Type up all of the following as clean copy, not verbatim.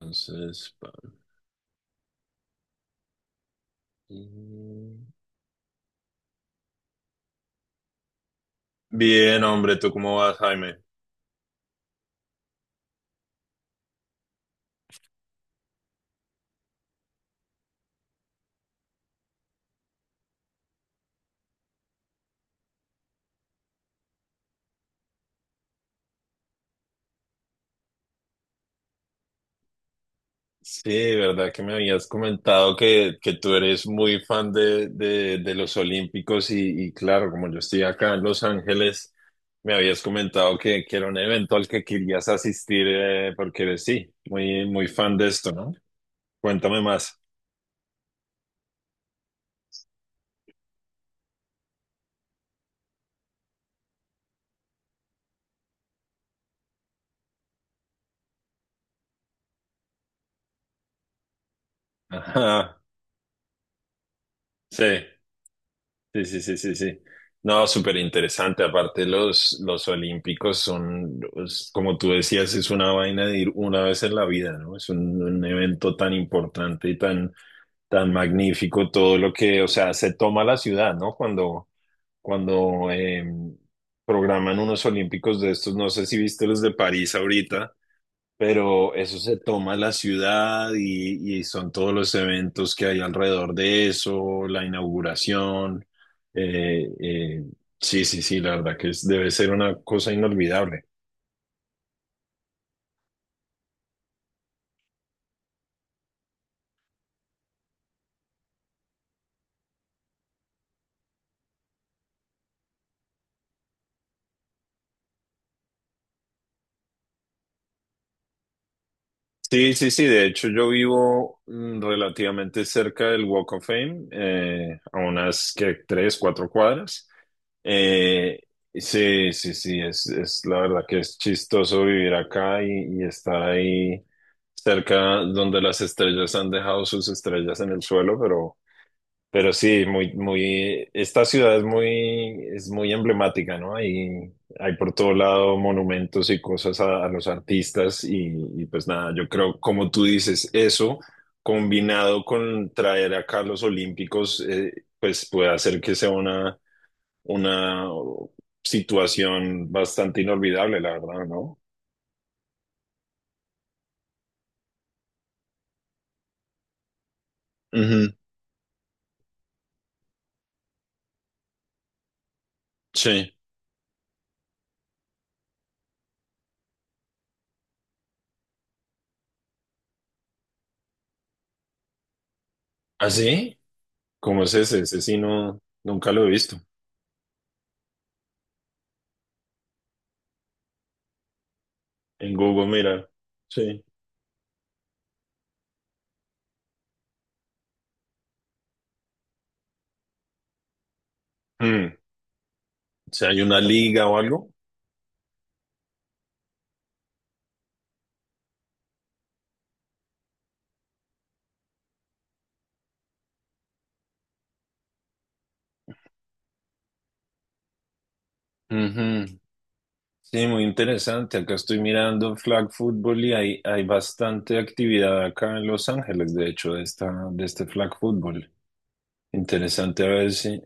Entonces, bien, hombre, ¿tú cómo vas, Jaime? Sí, verdad que me habías comentado que tú eres muy fan de los Olímpicos y claro, como yo estoy acá en Los Ángeles, me habías comentado que era un evento al que querías asistir, porque eres, sí, muy, muy fan de esto, ¿no? Cuéntame más. Ajá. Sí. Sí, sí, sí, sí, sí. No, súper interesante. Aparte, los olímpicos son, como tú decías, es una vaina de ir una vez en la vida, ¿no? Es un evento tan importante y tan, tan magnífico, todo lo que, o sea, se toma la ciudad, ¿no? Cuando programan unos olímpicos de estos, no sé si viste los de París ahorita, pero eso se toma la ciudad y son todos los eventos que hay alrededor de eso, la inauguración. eh, eh, sí, sí, sí, la verdad que debe ser una cosa inolvidable. Sí, sí, sí, de hecho yo vivo, relativamente cerca del Walk of Fame, a unas que tres, cuatro cuadras. Eh, sí, sí, sí, es la verdad que es chistoso vivir acá y estar ahí cerca donde las estrellas han dejado sus estrellas en el suelo, pero sí, muy, muy, esta ciudad es muy emblemática, ¿no? Hay por todo lado monumentos y cosas a los artistas y pues nada, yo creo, como tú dices, eso combinado con traer acá los Olímpicos, pues puede hacer que sea una situación bastante inolvidable, la verdad, ¿no? Ujú. Sí. ¿Así? ¿Cómo es ese? Ese sí no, nunca lo he visto. En Google, mira. Sí. Mm, Si hay una liga o algo. Ujú. Sí, muy interesante. Acá estoy mirando flag football y hay bastante actividad acá en Los Ángeles, de hecho, de este flag football. Interesante, a ver si,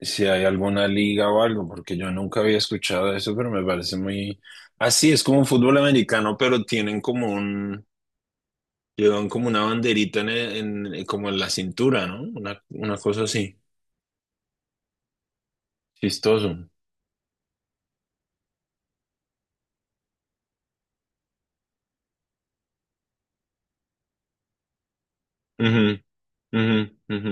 si hay alguna liga o algo, porque yo nunca había escuchado eso, pero me parece muy... Así es como un fútbol americano, pero tienen como un... Llevan como una banderita en, el- en- como en la cintura, ¿no? Una cosa así, chistoso. Ujú, ujú, ujú.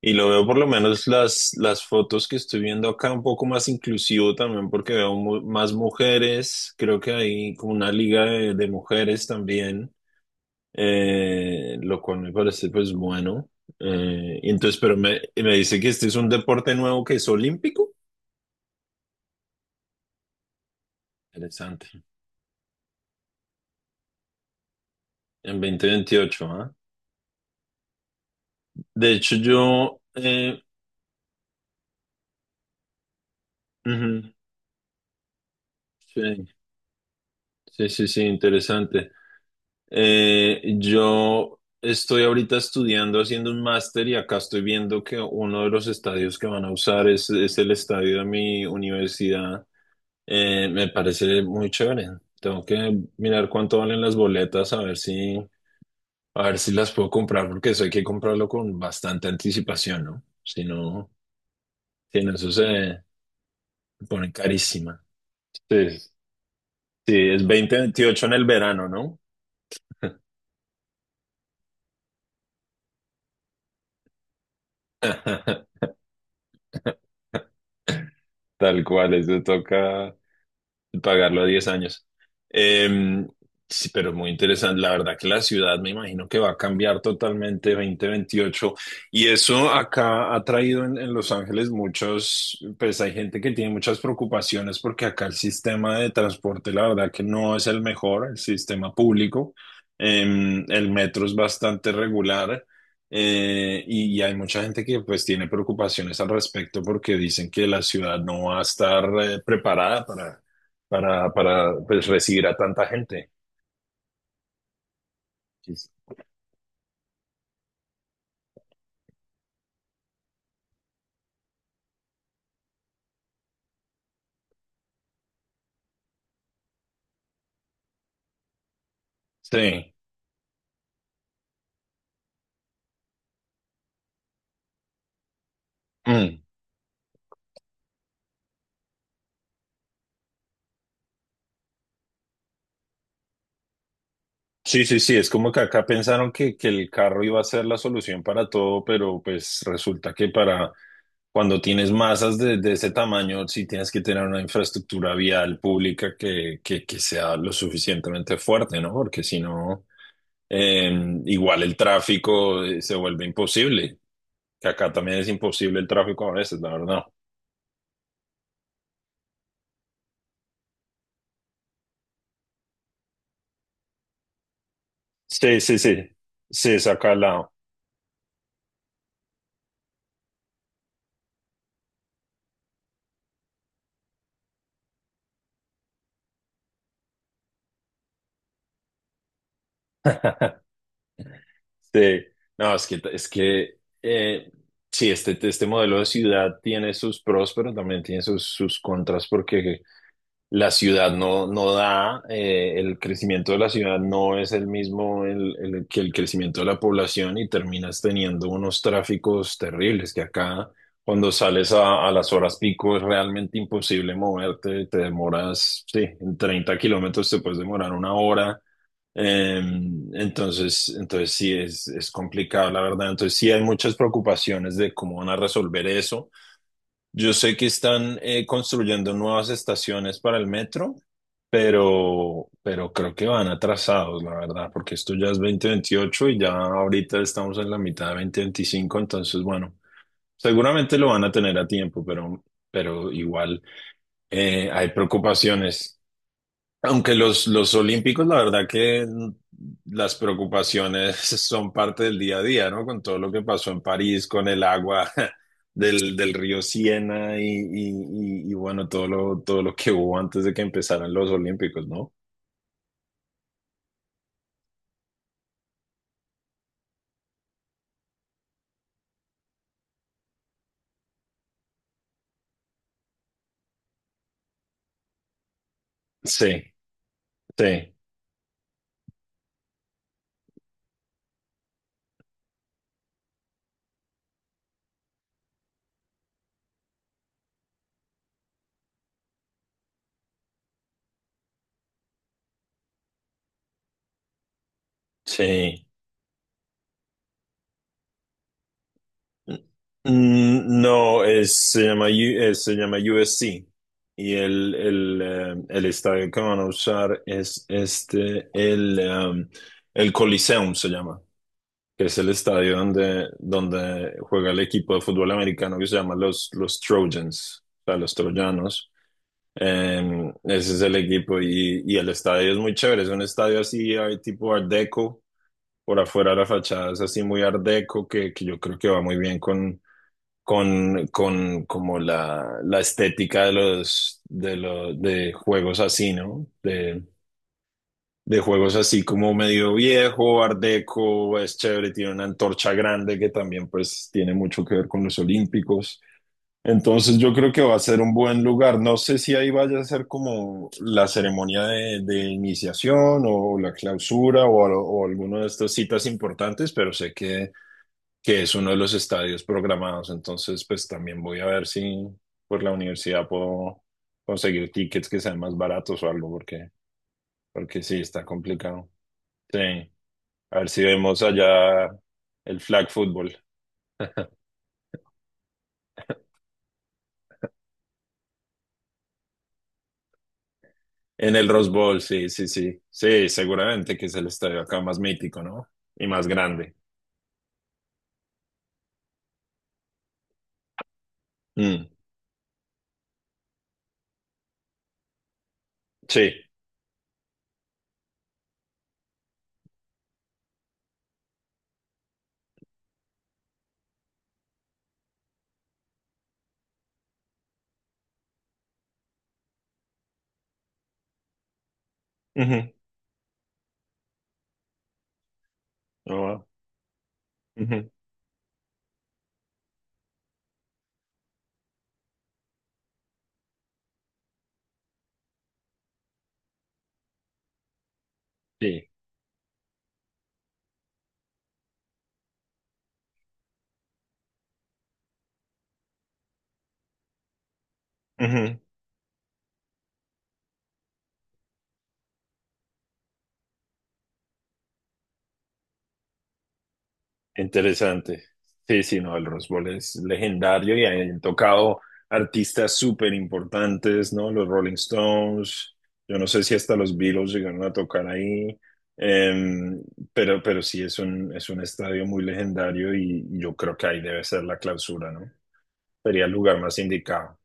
Y lo veo por lo menos las fotos que estoy viendo acá un poco más inclusivo también porque veo más mujeres, creo que hay como una liga de mujeres también, lo cual me parece pues bueno. Y entonces, pero me dice que este es un deporte nuevo que es olímpico. Interesante. En 2028, ¿ah? De hecho, yo. Ujú. Sí, sí, sí, sí, interesante. Yo estoy ahorita estudiando, haciendo un máster y acá estoy viendo que uno de los estadios que van a usar es el estadio de mi universidad. Me parece muy chévere. Tengo que mirar cuánto valen las boletas, a ver si las puedo comprar, porque eso hay que comprarlo con bastante anticipación, ¿no? Si no, si no, eso se pone carísima. Sí, sí, es 2028 en el verano, ¿no? Tal cual, eso toca pagarlo a 10 años. Em, sí, pero muy interesante. La verdad que la ciudad me imagino que va a cambiar totalmente 2028. Y eso acá ha traído en Los Ángeles muchos, pues hay gente que tiene muchas preocupaciones porque acá el sistema de transporte, la verdad, que no es el mejor, el sistema público. El metro es bastante regular. Y hay mucha gente que pues tiene preocupaciones al respecto porque dicen que la ciudad no va a estar, preparada para pues, recibir a tanta gente. Sí. Sí. Mm. Sí, sí, sí, es como que acá pensaron que el carro iba a ser la solución para todo, pero pues resulta que para cuando tienes masas de ese tamaño, sí tienes que tener una infraestructura vial pública que sea lo suficientemente fuerte, ¿no? Porque si no, igual el tráfico, se vuelve imposible, que acá también es imposible el tráfico a veces, la verdad. Sí, sí, sí, sí, es acá al lado. Sí, no, es que, eh, sí, este modelo de ciudad tiene sus pros, pero también tiene sus contras, porque la ciudad no, no da, el crecimiento de la ciudad no es el mismo que el crecimiento de la población y terminas teniendo unos tráficos terribles, que acá cuando sales a las horas pico es realmente imposible moverte, te demoras, sí, en 30 kilómetros te puedes demorar una hora. eh, entonces sí, es complicado, la verdad. Entonces sí hay muchas preocupaciones de cómo van a resolver eso. Yo sé que están, construyendo nuevas estaciones para el metro, pero creo que van atrasados, la verdad, porque esto ya es 2028 y ya ahorita estamos en la mitad de 2025, entonces bueno, seguramente lo van a tener a tiempo, pero igual, hay preocupaciones. Aunque los olímpicos, la verdad que, las preocupaciones son parte del día a día, ¿no? Con todo lo que pasó en París, con el agua del río Siena y, bueno, todo lo que hubo antes de que empezaran los olímpicos, ¿no? Sí, sí, sí. Mm, no, es, se llama, U- se llama USC y el estadio que van a usar es este, el Coliseum se llama. Que es el estadio donde juega el equipo de fútbol americano que se llama los Trojans, o sea, los troyanos. Ese es el equipo y el estadio es muy chévere, es un estadio así hay tipo Art Deco, por afuera la fachada es así muy Art Deco, que yo creo que va muy bien con como la estética de los, de los de juegos así, ¿no? De juegos así como medio viejo, art deco, es chévere, tiene una antorcha grande que también pues tiene mucho que ver con los olímpicos. Entonces yo creo que va a ser un buen lugar. No sé si ahí vaya a ser como la ceremonia de iniciación o la clausura, o alguna de estas citas importantes, pero sé que es uno de los estadios programados. Entonces pues también voy a ver si por la universidad puedo conseguir tickets que sean más baratos o algo, porque sí, está complicado. Sí, a ver si vemos allá el flag football. En el Rose Bowl, sí, sí, sí. Sí, seguramente que es el estadio acá más mítico, ¿no? Y más grande. Mm, sí. Ujú. Ah, ujú. Sí. Ujú. Interesante. Sí, sí, no, el Rose Bowl es legendario y han tocado artistas súper importantes, ¿no? Los Rolling Stones, yo no sé si hasta los Beatles llegaron a tocar ahí, em, pero sí es un estadio muy legendario y yo creo que ahí debe ser la clausura, ¿no? Sería el lugar más indicado.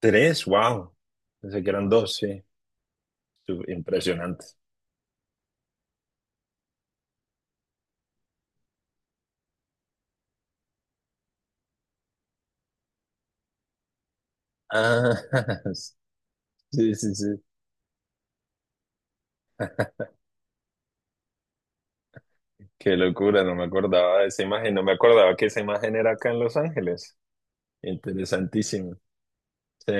Tres, wow. Pensé que eran dos, sí. Impresionante. Ah, sí, sí, sí. Qué locura, no me acordaba de esa imagen, no me acordaba que esa imagen era acá en Los Ángeles. Interesantísimo. Sí.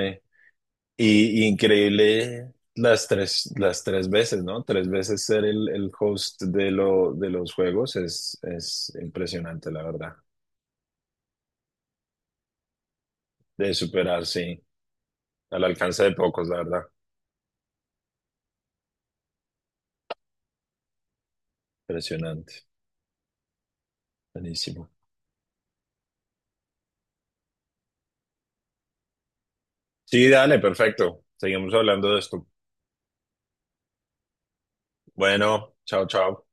Y increíble las tres veces, ¿no? Tres veces ser el host de de los juegos es impresionante, la verdad. De superar, sí. Al alcance de pocos, la verdad. Impresionante. Buenísimo. Sí, dale, perfecto. Seguimos hablando de esto. Bueno, chao, chao.